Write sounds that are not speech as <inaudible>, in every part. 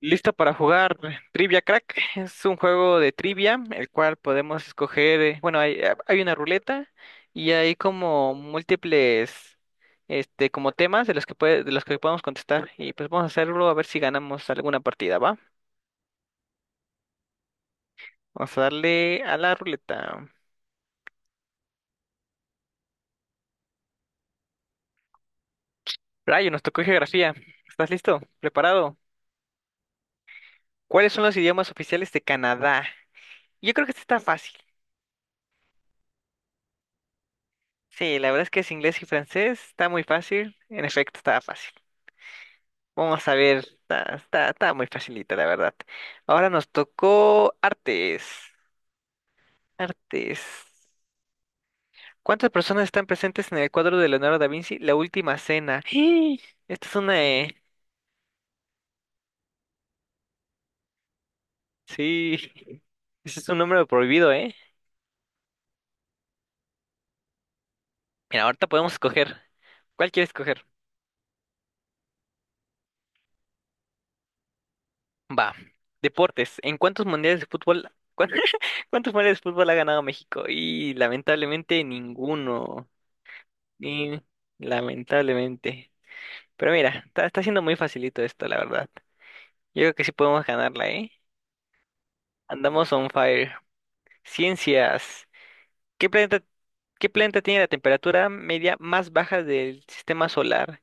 Listo para jugar Trivia Crack. Es un juego de trivia, el cual podemos escoger, bueno, hay, hay una ruleta y hay como múltiples, como temas de los que puede, de los que podemos contestar. Y pues vamos a hacerlo a ver si ganamos alguna partida, ¿va? Vamos a darle a la ruleta. Rayo, nos tocó geografía. ¿Estás listo? ¿Preparado? ¿Cuáles son los idiomas oficiales de Canadá? Yo creo que este está fácil. Sí, la verdad es que es inglés y francés. Está muy fácil. En efecto, está fácil. Vamos a ver, está muy facilita, la verdad. Ahora nos tocó artes. Artes. ¿Cuántas personas están presentes en el cuadro de Leonardo da Vinci? La última cena. <gasps> ¡Ih! Esta es una... eh, Sí, <laughs> ese es un número prohibido, ¿eh? Mira, ahorita podemos escoger. ¿Cuál quieres escoger? Va. Deportes. ¿En cuántos mundiales de fútbol... cuán- <laughs> ¿Cuántos mundiales de fútbol ha ganado México? Y lamentablemente ninguno. Y lamentablemente. Pero mira, está siendo muy facilito esto, la verdad. Yo creo que sí podemos ganarla, ¿eh? Andamos on fire. Ciencias. ¿Qué planeta, ¿qué planeta tiene la temperatura media más baja del sistema solar?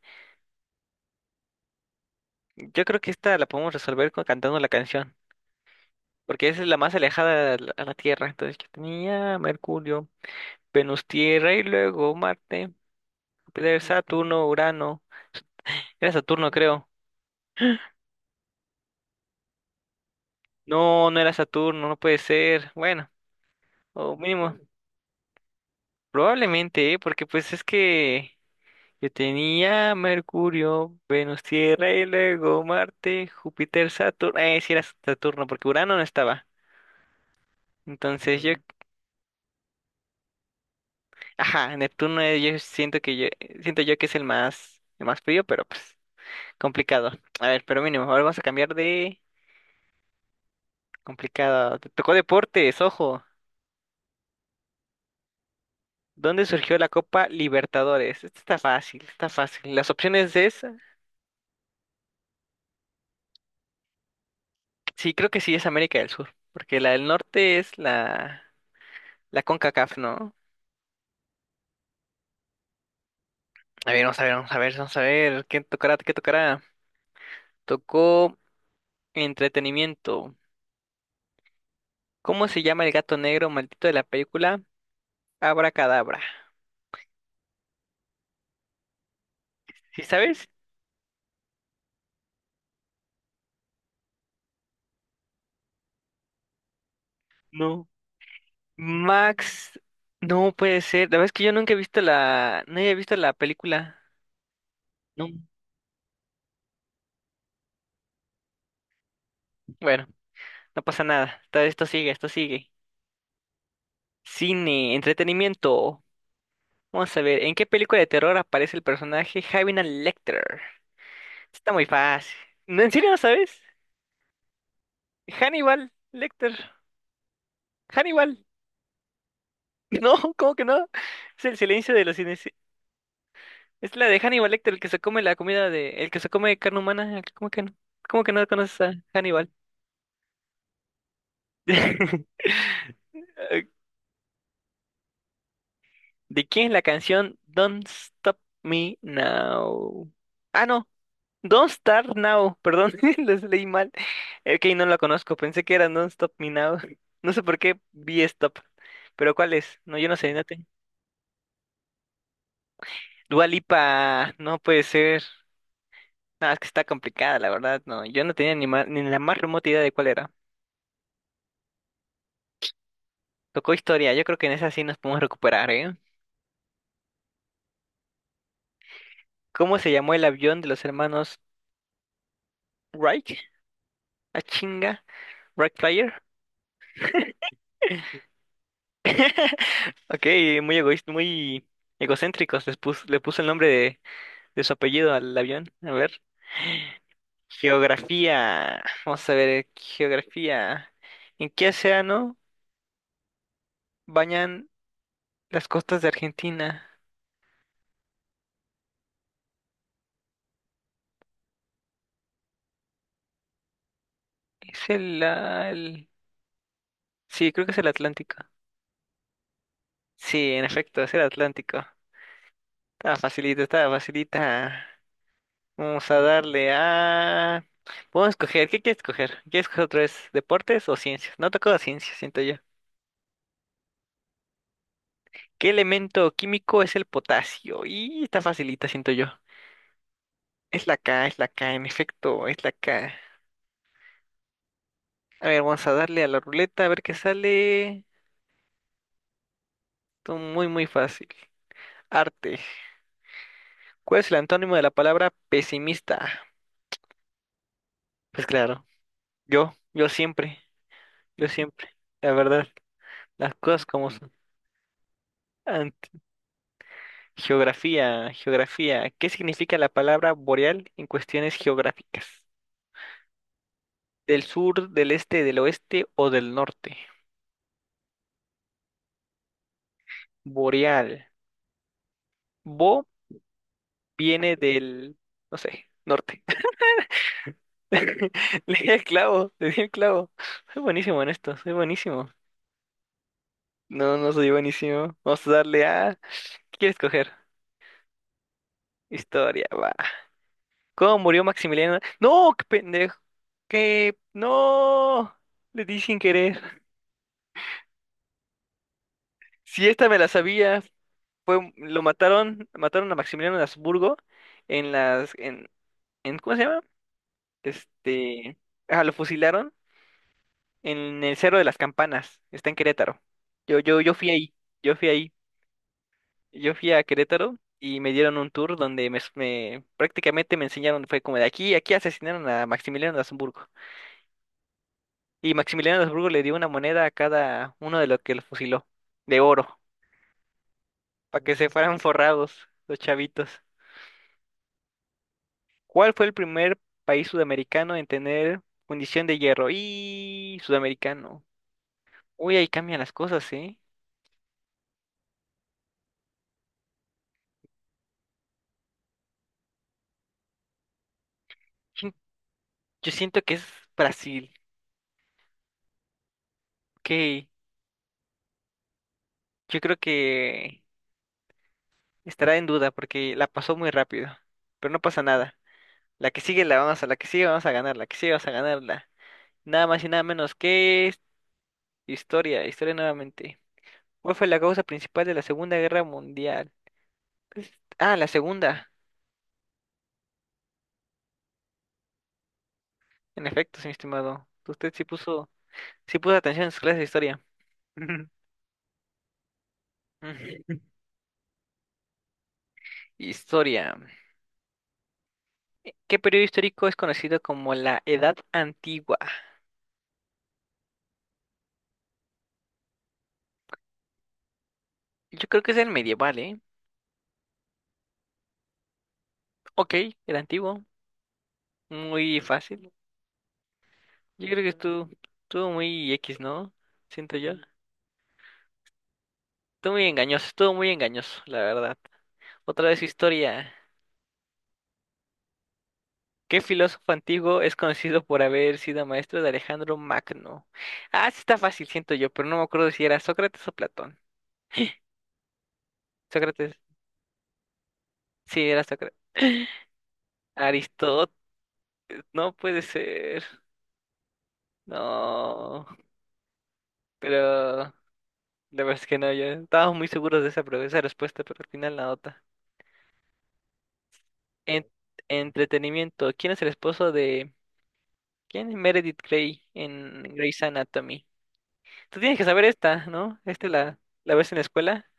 Yo creo que esta la podemos resolver cantando la canción, porque esa es la más alejada a a la Tierra. Entonces yo tenía Mercurio, Venus, Tierra y luego Marte, Júpiter, Saturno, Urano. Era Saturno, creo. No, no era Saturno, no puede ser. Bueno, o mínimo. Probablemente, ¿eh? Porque pues es que yo tenía Mercurio, Venus, Tierra y luego Marte, Júpiter, Saturno. Sí era Saturno, porque Urano no estaba. Entonces yo, ajá, Neptuno, yo siento que yo, siento yo que es el más frío, pero pues complicado. A ver, pero mínimo, ahora vamos a cambiar de complicado. Te tocó deportes, ojo. ¿Dónde surgió la Copa Libertadores? Esta está fácil, está fácil. Las opciones es, sí, creo que sí es América del Sur. Porque la del norte es la la CONCACAF, ¿no? A ver, vamos a ver, vamos a ver, vamos a ver. ¿Qué tocará? ¿Qué tocará? Tocó entretenimiento. ¿Cómo se llama el gato negro maldito de la película? Abracadabra. ¿Sí sabes? No. Max. No puede ser. La verdad es que yo nunca he visto la. No he visto la película. No. Bueno, no pasa nada. Todo esto sigue, esto sigue. Cine, entretenimiento. Vamos a ver, ¿en qué película de terror aparece el personaje Javier Lecter? Está muy fácil. ¿No, ¿en serio no sabes? Hannibal Lecter. Hannibal. <laughs> No, ¿cómo que no? Es el silencio de los cines. Es la de Hannibal Lecter, el que se come la comida de... El que se come carne humana. ¿Cómo que no? ¿Cómo que no conoces a Hannibal? <laughs> Eh, ¿De quién es la canción Don't Stop Me Now? Ah, no. Don't Start Now. Perdón, <laughs> les leí mal. Ok, no la conozco. Pensé que era Don't Stop Me Now. No sé por qué vi Stop. Pero ¿cuál es? No, yo no sé. Dua Lipa. No puede ser. No, es que está complicada, la verdad, no. Yo no tenía ni, ni la más remota idea de cuál era. Tocó historia, yo creo que en esa sí nos podemos recuperar, ¿eh? ¿Cómo se llamó el avión de los hermanos Wright? ¿A chinga? ¿Wright Flyer? <laughs> Ok, muy egoísta, muy egocéntricos. Le puso el nombre de su apellido al avión. A ver. Geografía. Vamos a ver, geografía. ¿En qué océano bañan las costas de Argentina? Es el, ah, el- Sí, creo que es el Atlántico. Sí, en efecto, es el Atlántico. Está facilita, está facilita. Vamos a darle a... Vamos a escoger, ¿qué quieres escoger? ¿Quieres escoger otra vez deportes o ciencias? No tocó ciencias, siento yo. ¿Qué elemento químico es el potasio? Y está facilita, siento yo. Es la K, es la K, en efecto, es la K. A ver, vamos a darle a la ruleta a ver qué sale. Esto muy, muy fácil. Arte. ¿Cuál es el antónimo de la palabra pesimista? Pues claro, yo, yo siempre, yo siempre, la verdad. Las cosas como son. Ant- Geografía, geografía. ¿Qué significa la palabra boreal en cuestiones geográficas? ¿Del sur, del este, del oeste o del norte? Boreal. Bo Viene del, no sé, norte. <laughs> Le di el clavo, le di el clavo. Soy buenísimo en esto, soy buenísimo. No, no soy buenísimo. Vamos a darle a... ¿Qué quieres coger? Historia, va. ¿Cómo murió Maximiliano? No, qué pendejo. ¿Qué? No. Le di sin querer. Si esta me la sabía, fue, lo mataron, mataron a Maximiliano de Habsburgo en las, en, ¿cómo se llama? Este, lo fusilaron en el Cerro de las Campanas, está en Querétaro. Yo, yo, yo fui ahí, yo fui ahí, yo fui a Querétaro y me dieron un tour donde prácticamente me enseñaron, fue como de aquí, aquí asesinaron a Maximiliano de Habsburgo. Y Maximiliano de Habsburgo le dio una moneda a cada uno de los que lo fusiló, de oro, para que se fueran forrados los chavitos. ¿Cuál fue el primer país sudamericano en tener fundición de hierro? Y sudamericano. Uy, ahí cambian las cosas, ¿eh? Chin- Yo siento que es Brasil. Ok, yo creo que estará en duda porque la pasó muy rápido. Pero no pasa nada. La que sigue la vamos a, la que sigue vamos a ganar, La que sigue vamos a ganarla. Nada más y nada menos que historia, historia nuevamente. ¿Cuál fue la causa principal de la Segunda Guerra Mundial? Pues, ah, la segunda. En efecto, sí, mi estimado. Usted sí puso. Sí puse atención en sus clases de historia. <laughs> Historia. ¿Qué periodo histórico es conocido como la Edad Antigua? Yo creo que es el medieval, ¿eh? Ok, el antiguo. Muy fácil. Yo creo que estuvo, Estuvo muy X, ¿no? Siento yo. Estuvo muy engañoso, la verdad. Otra vez historia. ¿Qué filósofo antiguo es conocido por haber sido maestro de Alejandro Magno? Ah, sí está fácil, siento yo, pero no me acuerdo si era Sócrates o Platón. Sócrates. Sí, era Sócrates. <laughs> Aristóteles, no puede ser. No, pero la verdad es que no, yo estábamos muy seguros de esa, esa respuesta, pero al final la otra. En- Entretenimiento, ¿quién es el esposo de... ¿Quién es Meredith Grey en Grey's Anatomy? Tú tienes que saber esta, ¿no? ¿Esta la ves en la escuela?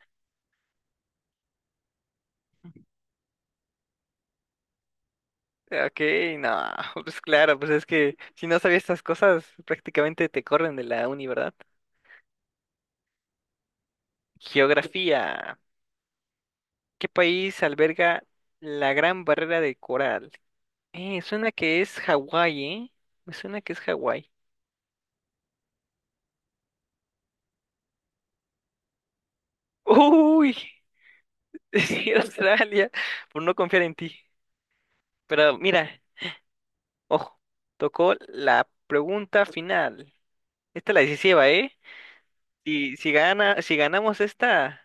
Ok, no, <laughs> pues claro, pues es que si no sabías estas cosas, prácticamente te corren de la uni, ¿verdad? Geografía. ¿Qué país alberga la Gran Barrera de Coral? Suena que es Hawái, ¿eh? Me suena que es Hawái. Uy, <laughs> sí, Australia, por no confiar en ti. Pero mira, ojo, tocó la pregunta final. Esta es la decisiva, ¿eh? Si ganamos esta,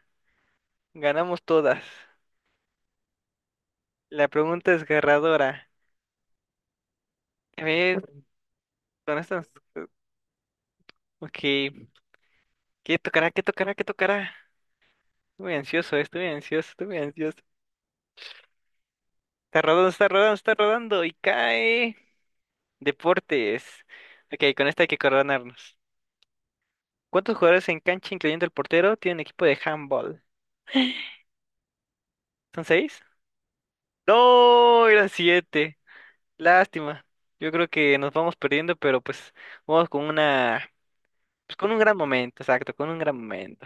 ganamos todas. La pregunta desgarradora. A ver, con estas. eh, Ok, ¿qué tocará? ¿Qué tocará? ¿Qué tocará? Estoy muy ansioso, estoy muy ansioso, estoy muy ansioso. Está rodando, está rodando, está rodando y cae. Deportes. Ok, con esta hay que coronarnos. ¿Cuántos jugadores en cancha, incluyendo el portero, tiene un equipo de handball? ¿Son 6? No, eran 7. Lástima. Yo creo que nos vamos perdiendo, pero pues vamos con una, pues con un gran momento, exacto, con un gran momento.